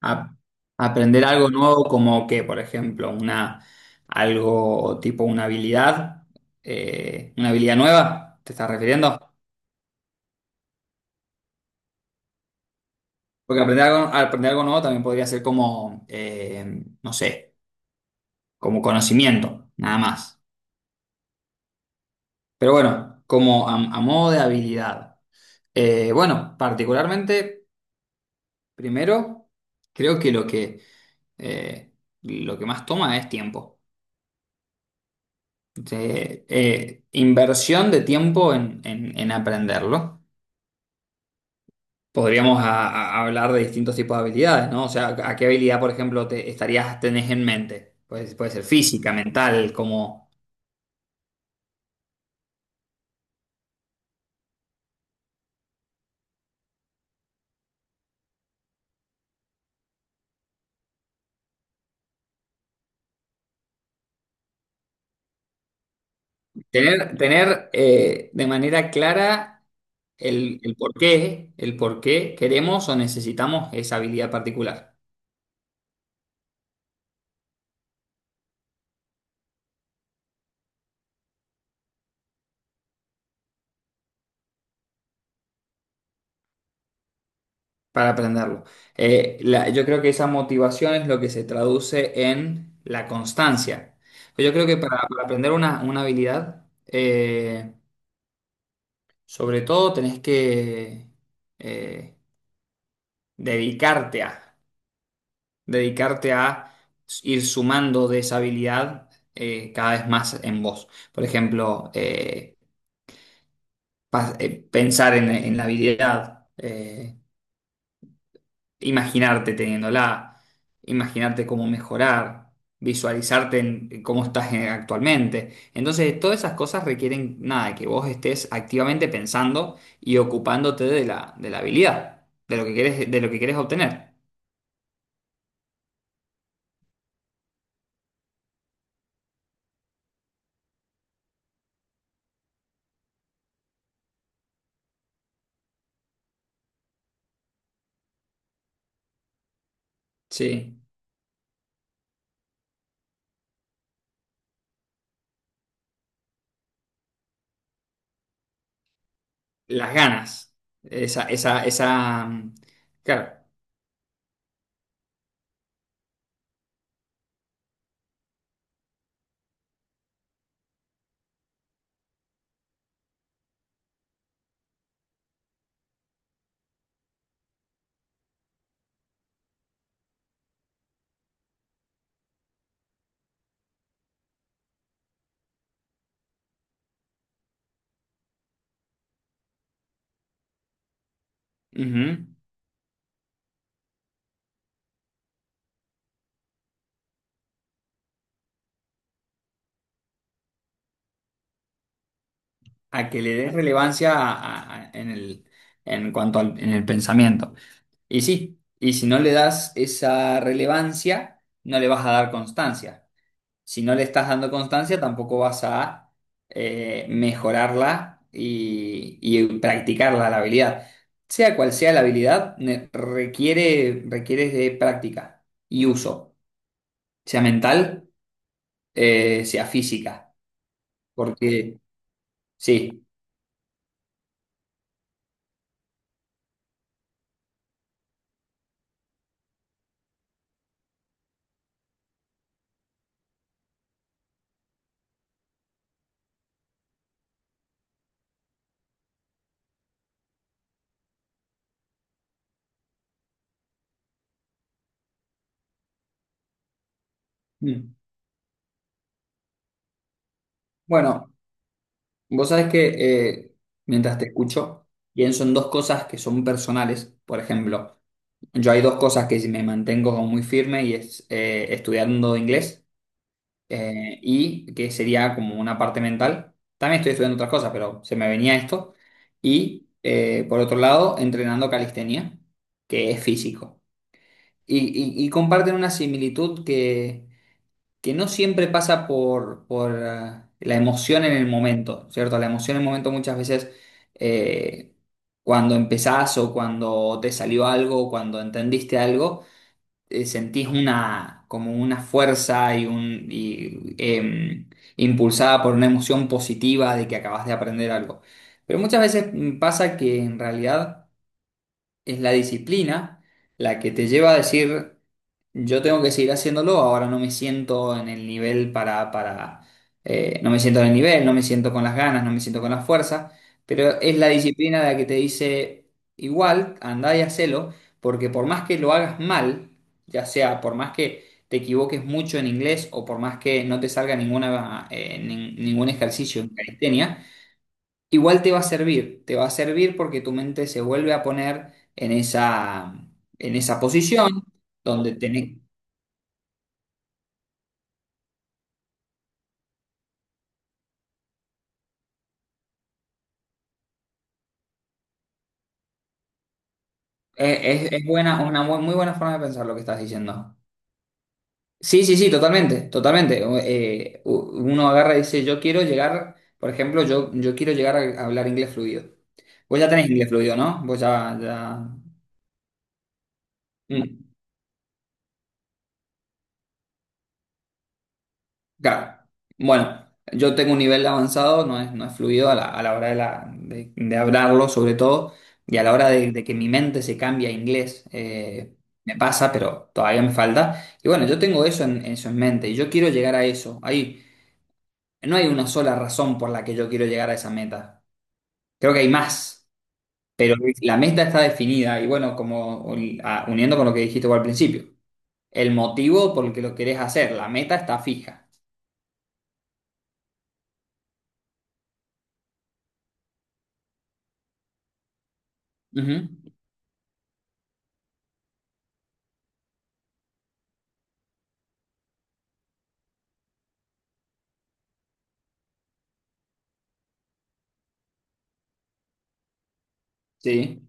A- Aprender algo nuevo como que, por ejemplo, algo tipo una habilidad nueva, ¿te estás refiriendo? Porque aprender algo nuevo también podría ser como, no sé, como conocimiento, nada más. Pero bueno, como a modo de habilidad. Bueno, particularmente, primero, creo que eh, lo que más toma es tiempo. De inversión de tiempo en aprenderlo. Podríamos hablar de distintos tipos de habilidades, ¿no? O sea, ¿a qué habilidad, por ejemplo, tenés en mente? Pues, puede ser física, mental, como tener de manera clara el por qué queremos o necesitamos esa habilidad particular. Para aprenderlo. Yo creo que esa motivación es lo que se traduce en la constancia. Yo creo que para aprender una habilidad, sobre todo tenés que eh, dedicarte a, dedicarte a ir sumando de esa habilidad cada vez más en vos. Por ejemplo, pensar en la habilidad. Imaginarte teniéndola, imaginarte cómo mejorar, visualizarte en cómo estás actualmente. Entonces, todas esas cosas requieren, nada, que vos estés activamente pensando y ocupándote de la habilidad, de lo que querés obtener. Sí, las ganas. Esa, claro, ujú. A que le des relevancia a- en el, en cuanto al, en el pensamiento. Y sí, y si no le das esa relevancia, no le vas a dar constancia. Si no le estás dando constancia, tampoco vas a mejorarla y practicarla, la habilidad. Sea cual sea la habilidad, requiere de práctica y uso, sea mental, sea física. Porque, sí. Mm. Bueno, vos sabés que eh, mientras te escucho, pienso en dos cosas que son personales, por ejemplo. Yo hay dos cosas que me mantengo como muy firme y es estudiando inglés y que sería como una parte mental. También estoy estudiando otras cosas, pero se me venía esto. Y por otro lado, entrenando calistenia, que es físico. Y, y comparten una similitud que no siempre pasa por la emoción en el momento, ¿cierto? La emoción en el momento muchas veces, eh, cuando empezás o cuando te salió algo, o cuando entendiste algo, sentís como una fuerza y impulsada por una emoción positiva de que acabas de aprender algo. Pero muchas veces pasa que en realidad es la disciplina la que te lleva a decir, yo tengo que seguir haciéndolo, ahora no me siento en el nivel para, no me siento en el nivel, no me siento con las ganas, no me siento con la fuerza, pero es la disciplina la que te dice, igual, andá y hacelo, porque por más que lo hagas mal, ya sea por más que te equivoques mucho en inglés o por más que no te salga ninguna, ningún ejercicio en calistenia, igual te va a servir, te va a servir porque tu mente se vuelve a poner en esa, posición donde tenés. Es buena, muy buena forma de pensar lo que estás diciendo. Sí, sí, sí, totalmente, totalmente. Uno agarra y dice, yo quiero llegar, por ejemplo, yo quiero llegar a hablar inglés fluido. Vos ya tenés inglés fluido, ¿no? Vos ya... Mm, claro. Bueno, yo tengo un nivel avanzado, no es fluido a a la hora de, de hablarlo, sobre todo, y a la hora de que mi mente se cambie a inglés. Me pasa, pero todavía me falta. Y bueno, yo tengo eso en mente y yo quiero llegar a eso. Ahí. No hay una sola razón por la que yo quiero llegar a esa meta. Creo que hay más, pero la meta está definida y bueno, como uniendo con lo que dijiste vos al principio, el motivo por el que lo querés hacer, la meta está fija. Ujú. Sí.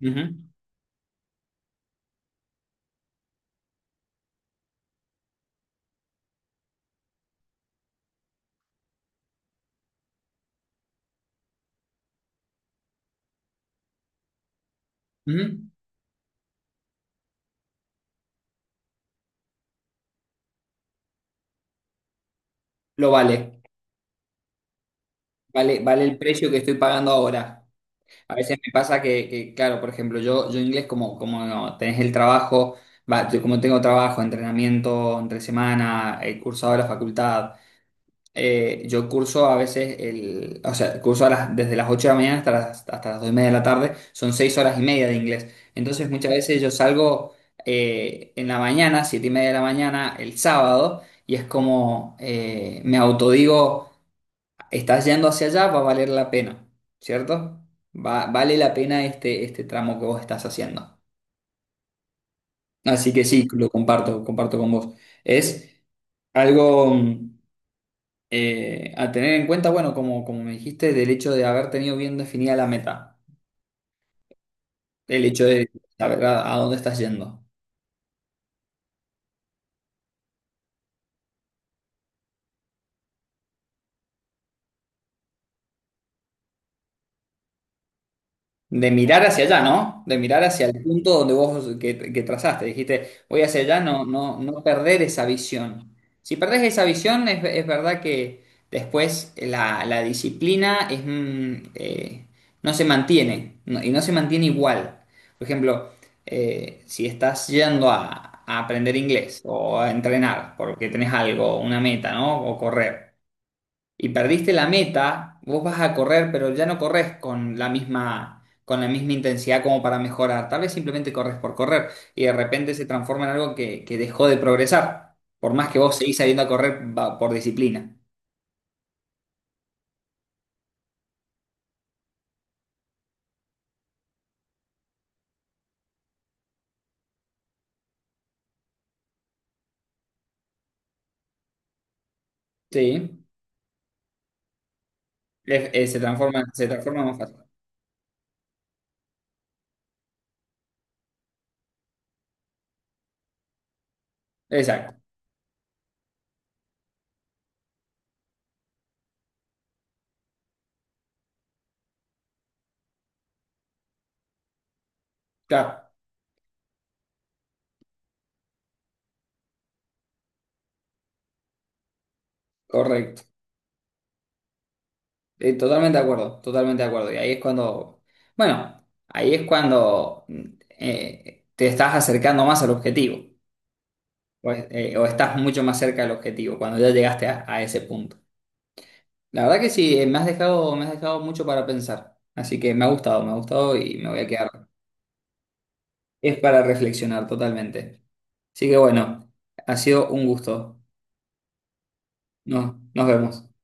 Ujú, ujú. Lo vale, vale, vale el precio que estoy pagando ahora. A veces me pasa que, claro, por ejemplo, yo inglés como, como no, tenés el trabajo, va, yo como tengo trabajo, entrenamiento entre semana, el cursado de la facultad. Yo curso a veces, o sea, curso desde las 8 de la mañana hasta hasta las 2:30 de la tarde, son 6 horas y media de inglés. Entonces muchas veces yo salgo en la mañana, 7:30 de la mañana, el sábado, y es como me autodigo, estás yendo hacia allá, va a valer la pena, ¿cierto? Vale la pena este tramo que vos estás haciendo. Así que sí, lo comparto, comparto con vos. Es algo, a tener en cuenta, bueno, como me dijiste, del hecho de haber tenido bien definida la meta, el hecho de saber a dónde estás yendo. De mirar hacia allá, ¿no? De mirar hacia el punto donde vos que trazaste. Dijiste, voy hacia allá, no, no, no perder esa visión. Si perdés esa visión, es verdad que después la disciplina no se mantiene, y no se mantiene igual. Por ejemplo, si estás yendo a aprender inglés o a entrenar porque tenés algo, una meta, ¿no? O correr y perdiste la meta, vos vas a correr, pero ya no corres con la misma intensidad como para mejorar. Tal vez simplemente corres por correr y de repente se transforma en algo que dejó de progresar, por más que vos seguís saliendo a correr por disciplina. Sí. Se transforma más fácil. Exacto, claro, correcto. Totalmente de acuerdo, totalmente de acuerdo. Y ahí es cuando te estás acercando más al objetivo. O estás mucho más cerca del objetivo cuando ya llegaste a ese punto. La verdad que sí, me has dejado, mucho para pensar. Así que me ha gustado y me voy a quedar. Es para reflexionar totalmente. Así que bueno, ha sido un gusto. No, nos vemos.